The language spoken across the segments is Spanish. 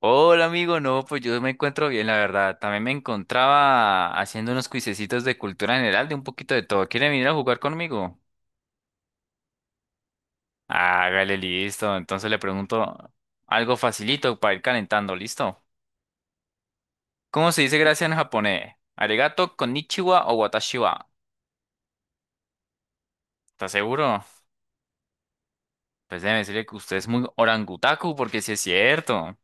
Hola amigo, no, pues yo me encuentro bien, la verdad. También me encontraba haciendo unos cuisecitos de cultura general, de un poquito de todo. ¿Quiere venir a jugar conmigo? Hágale, listo. Entonces le pregunto algo facilito para ir calentando, ¿listo? ¿Cómo se dice gracias en japonés? ¿Arigato, konnichiwa o watashi wa? ¿Estás seguro? Pues déjeme decirle que usted es muy orangutaku, porque sí es cierto.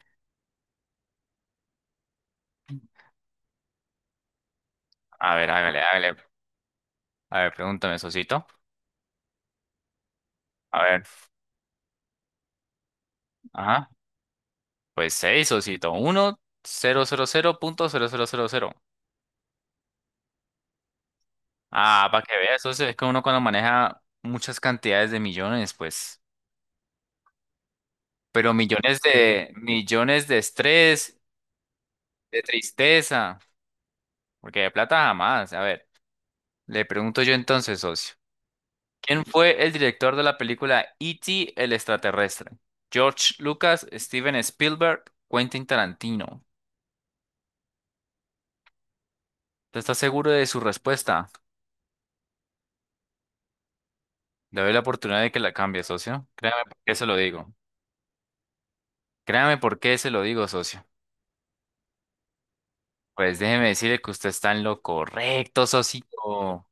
A ver, hágale, hágale. A ver, pregúntame, Sosito. A ver, ajá. Pues seis, Sosito. Uno, cero, cero, cero punto cero, cero, cero, cero. Ah, para que veas, eso es que uno cuando maneja muchas cantidades de millones, pues, pero millones de estrés, de tristeza, porque de plata jamás. A ver, le pregunto yo entonces, socio, ¿quién fue el director de la película E.T. el extraterrestre? George Lucas, Steven Spielberg, Quentin Tarantino. ¿Te estás seguro de su respuesta? Le doy la oportunidad de que la cambie, socio. Créame por qué se lo digo. Créame por qué se lo digo, socio. Pues déjeme decirle que usted está en lo correcto, socito.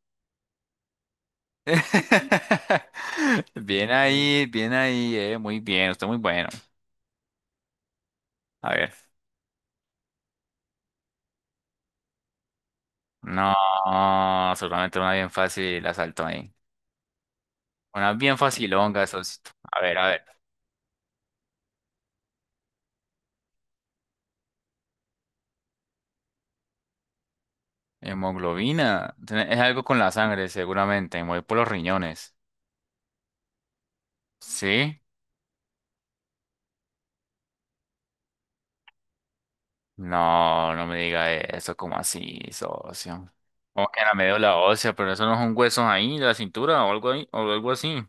Bien ahí, muy bien, usted muy bueno. A ver, no, seguramente una bien fácil la saltó ahí. Una bien facilonga, socito. A ver, a ver. Hemoglobina, es algo con la sangre, seguramente, muy por los riñones. ¿Sí? No, no me diga eso, como así, socio? Como que en la médula ósea, pero eso no es un hueso ahí, de la cintura o algo ahí, o algo así.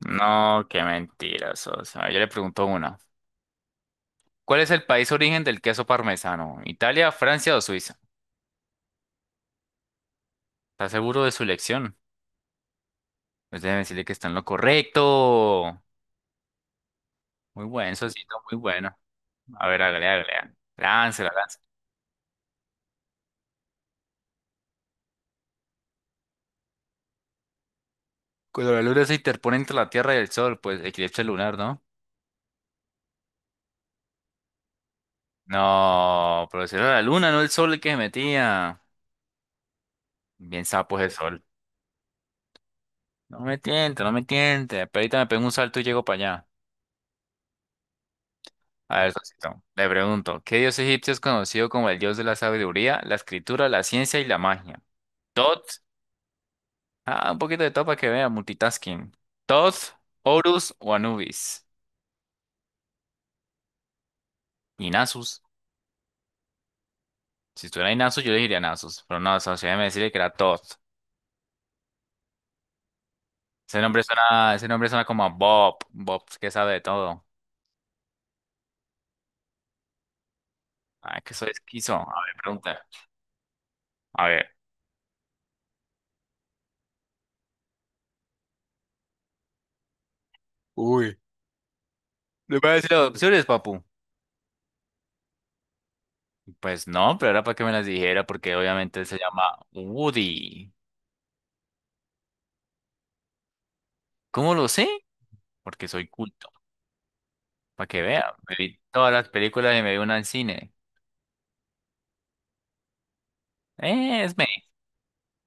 No, qué mentirosos. A ver, yo le pregunto una. ¿Cuál es el país origen del queso parmesano? ¿Italia, Francia o Suiza? ¿Está seguro de su elección? Pues déjeme decirle que está en lo correcto. Muy buen, socito, muy bueno. A ver, hágale, hágale. Hágale. Láncela, láncela. Cuando la luna se interpone entre la Tierra y el Sol, pues eclipse lunar, ¿no? No, pero si era la luna, no el sol el que se metía. Bien sapo es el sol. No me tiente, no me tiente. Pero ahorita me pego un salto y llego para allá. A ver, Sosito, le pregunto, ¿qué dios egipcio es conocido como el dios de la sabiduría, la escritura, la ciencia y la magia? Tot, ah, un poquito de todo para que vea, multitasking. Tot, Horus o Anubis. Y Nasus. Si estuviera Nasus, yo le diría Nasus, pero no, socio, déjeme decirle que era Tot. Ese nombre suena como a Bob, Bob que sabe de todo. Ah, que soy esquizo. A ver, pregunta. A ver. Uy. ¿Le voy a decir las opciones, papu? Pues no, pero era para que me las dijera, porque obviamente él se llama Woody. ¿Cómo lo sé? Porque soy culto. Para que vea, me vi todas las películas y me vi una en cine. Es me.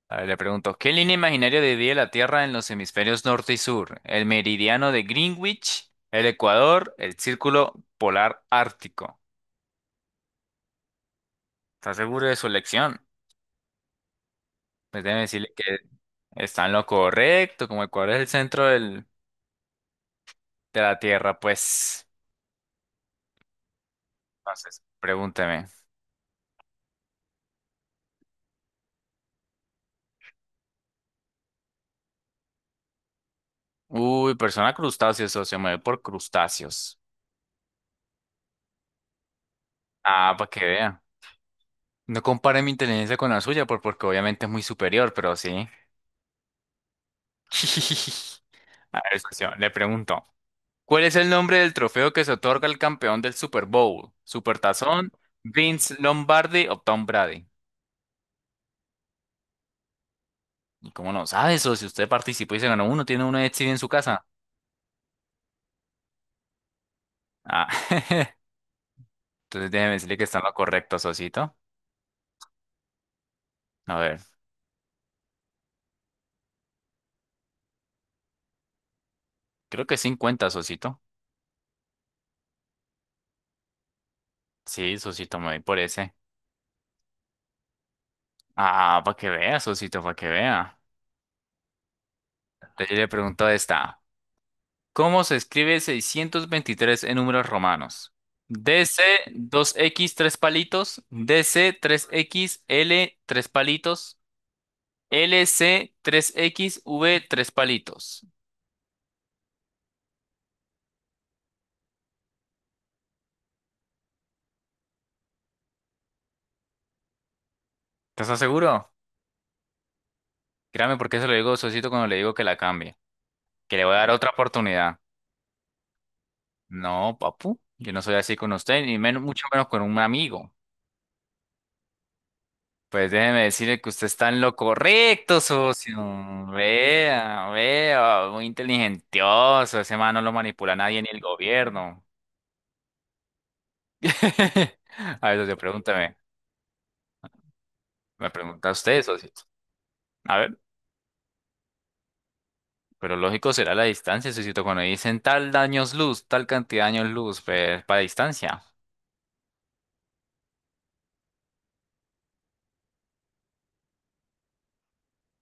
A ver, le pregunto, ¿qué línea imaginaria divide la Tierra en los hemisferios norte y sur? ¿El meridiano de Greenwich, el Ecuador, el círculo polar ártico? ¿Estás seguro de su elección? Pues déjeme decirle que está en lo correcto, como Ecuador es el centro del- de la Tierra, pues. Entonces, pregúnteme. Uy, persona crustáceo, socio, me voy por crustáceos. Ah, para que vea. No compare mi inteligencia con la suya, porque obviamente es muy superior, pero sí. A ver, socio, le pregunto, ¿cuál es el nombre del trofeo que se otorga al campeón del Super Bowl? ¿Supertazón, Vince Lombardi o Tom Brady? ¿Y cómo no sabe eso? Si usted participó y se ganó uno, tiene uno de Etsy en su casa. Ah, entonces déjeme decirle que está en lo correcto, Sosito. A ver, creo que 50, Sosito. Sí, Sosito, me voy por ese. Ah, para que vea, Sosito, para que vea. Entonces yo le pregunto esta. ¿Cómo se escribe 623 en números romanos? DC dos x 3 palitos, DC 3 x L 3 palitos, LC tres x V tres palitos. ¿Estás seguro? Créame porque eso lo digo a Sosito cuando le digo que la cambie, que le voy a dar otra oportunidad. No, papu, yo no soy así con usted, ni menos, mucho menos con un amigo. Pues déjeme decirle que usted está en lo correcto, socio. Vea, vea, muy inteligentioso. Ese man no lo manipula nadie ni el gobierno. A ver, socio, pregúntame. Me pregunta usted, socio. A ver, pero lógico será la distancia, socio. Cuando dicen tal años luz, tal cantidad de años luz, pues para distancia.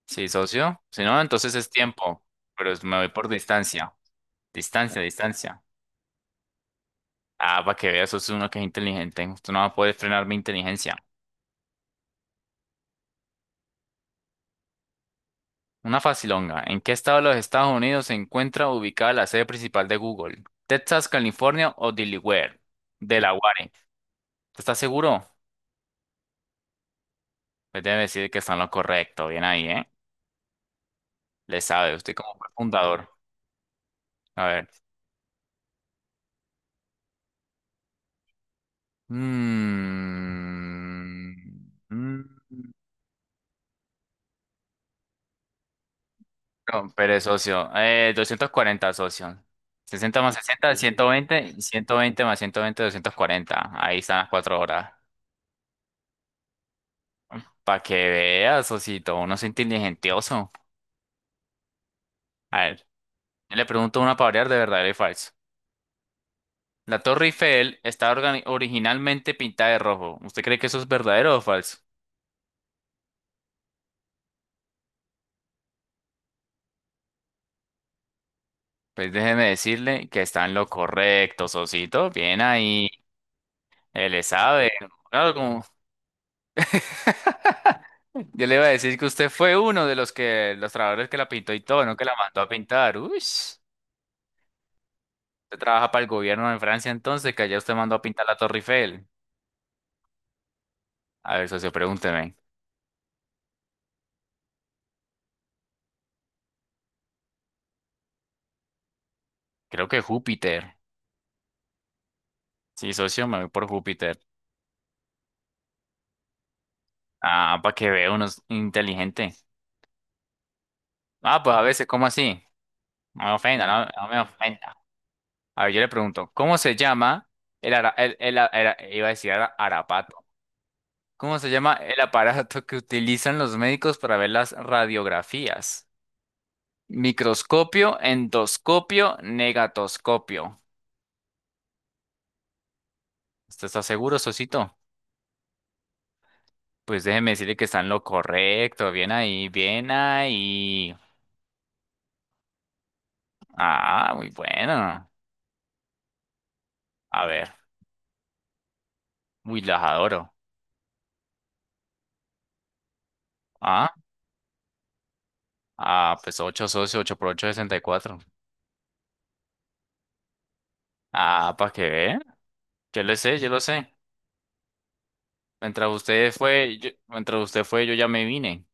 Sí, socio. Si no, entonces es tiempo. Me voy por distancia. Distancia, distancia. Ah, para que vea, socio, uno que es inteligente. Usted no va a poder frenar mi inteligencia. Una facilonga. ¿En qué estado de los Estados Unidos se encuentra ubicada la sede principal de Google? ¿Texas, California o Delaware? Delaware. ¿Estás seguro? Pues debe decir que está en lo correcto. Bien ahí, ¿eh? Le sabe usted como fue fundador. A ver. Mm, mm, no, pero socio. 240 socio. 60 más 60, 120, y 120 más 120, 240. Ahí están las 4 horas. Para que veas, socito. Uno es inteligentioso. A ver, le pregunto una para variar de verdadero y falso. La Torre Eiffel está originalmente pintada de rojo. ¿Usted cree que eso es verdadero o falso? Pues déjeme decirle que está en lo correcto, Sosito. Bien ahí. Él le sabe. Claro, como... Yo le iba a decir que usted fue uno de los que, los trabajadores que la pintó y todo, no que la mandó a pintar. Uy, usted trabaja para el gobierno en Francia entonces, que allá usted mandó a pintar la Torre Eiffel. A ver, socio, pregúnteme. Creo que Júpiter. Sí, socio, me voy por Júpiter. Ah, para que vea uno es inteligente. Ah, pues a veces, ¿cómo así? No me ofenda, no, no me ofenda. A ver, yo le pregunto, ¿cómo se llama el, el, iba a decir arapato? ¿Cómo se llama el aparato que utilizan los médicos para ver las radiografías? Microscopio, endoscopio, negatoscopio. ¿Usted está seguro, Sosito? Pues déjeme decirle que está en lo correcto. Bien ahí, bien ahí. Ah, muy bueno. A ver, muy las adoro. Ah, ah, pues 8 socios, 8 por ocho, 64. Ah, para que vean. Yo lo sé, yo lo sé. Mientras usted fue, yo ya me vine.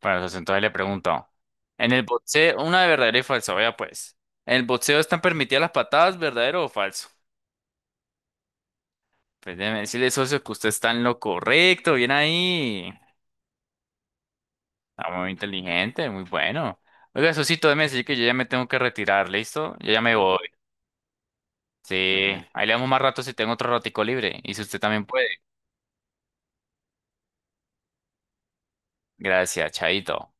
Bueno, pues entonces le pregunto. En el boxeo, una de verdadero y falso, vea pues. ¿En el boxeo están permitidas las patadas, verdadero o falso? Pues déjeme decirle, socio, que usted está en lo correcto, bien ahí. Está muy inteligente, muy bueno. Oiga, socito, déjeme decir que yo ya me tengo que retirar, ¿listo? Yo ya me voy. Sí, ahí le damos más rato si tengo otro ratico libre. Y si usted también puede. Gracias, Chaito.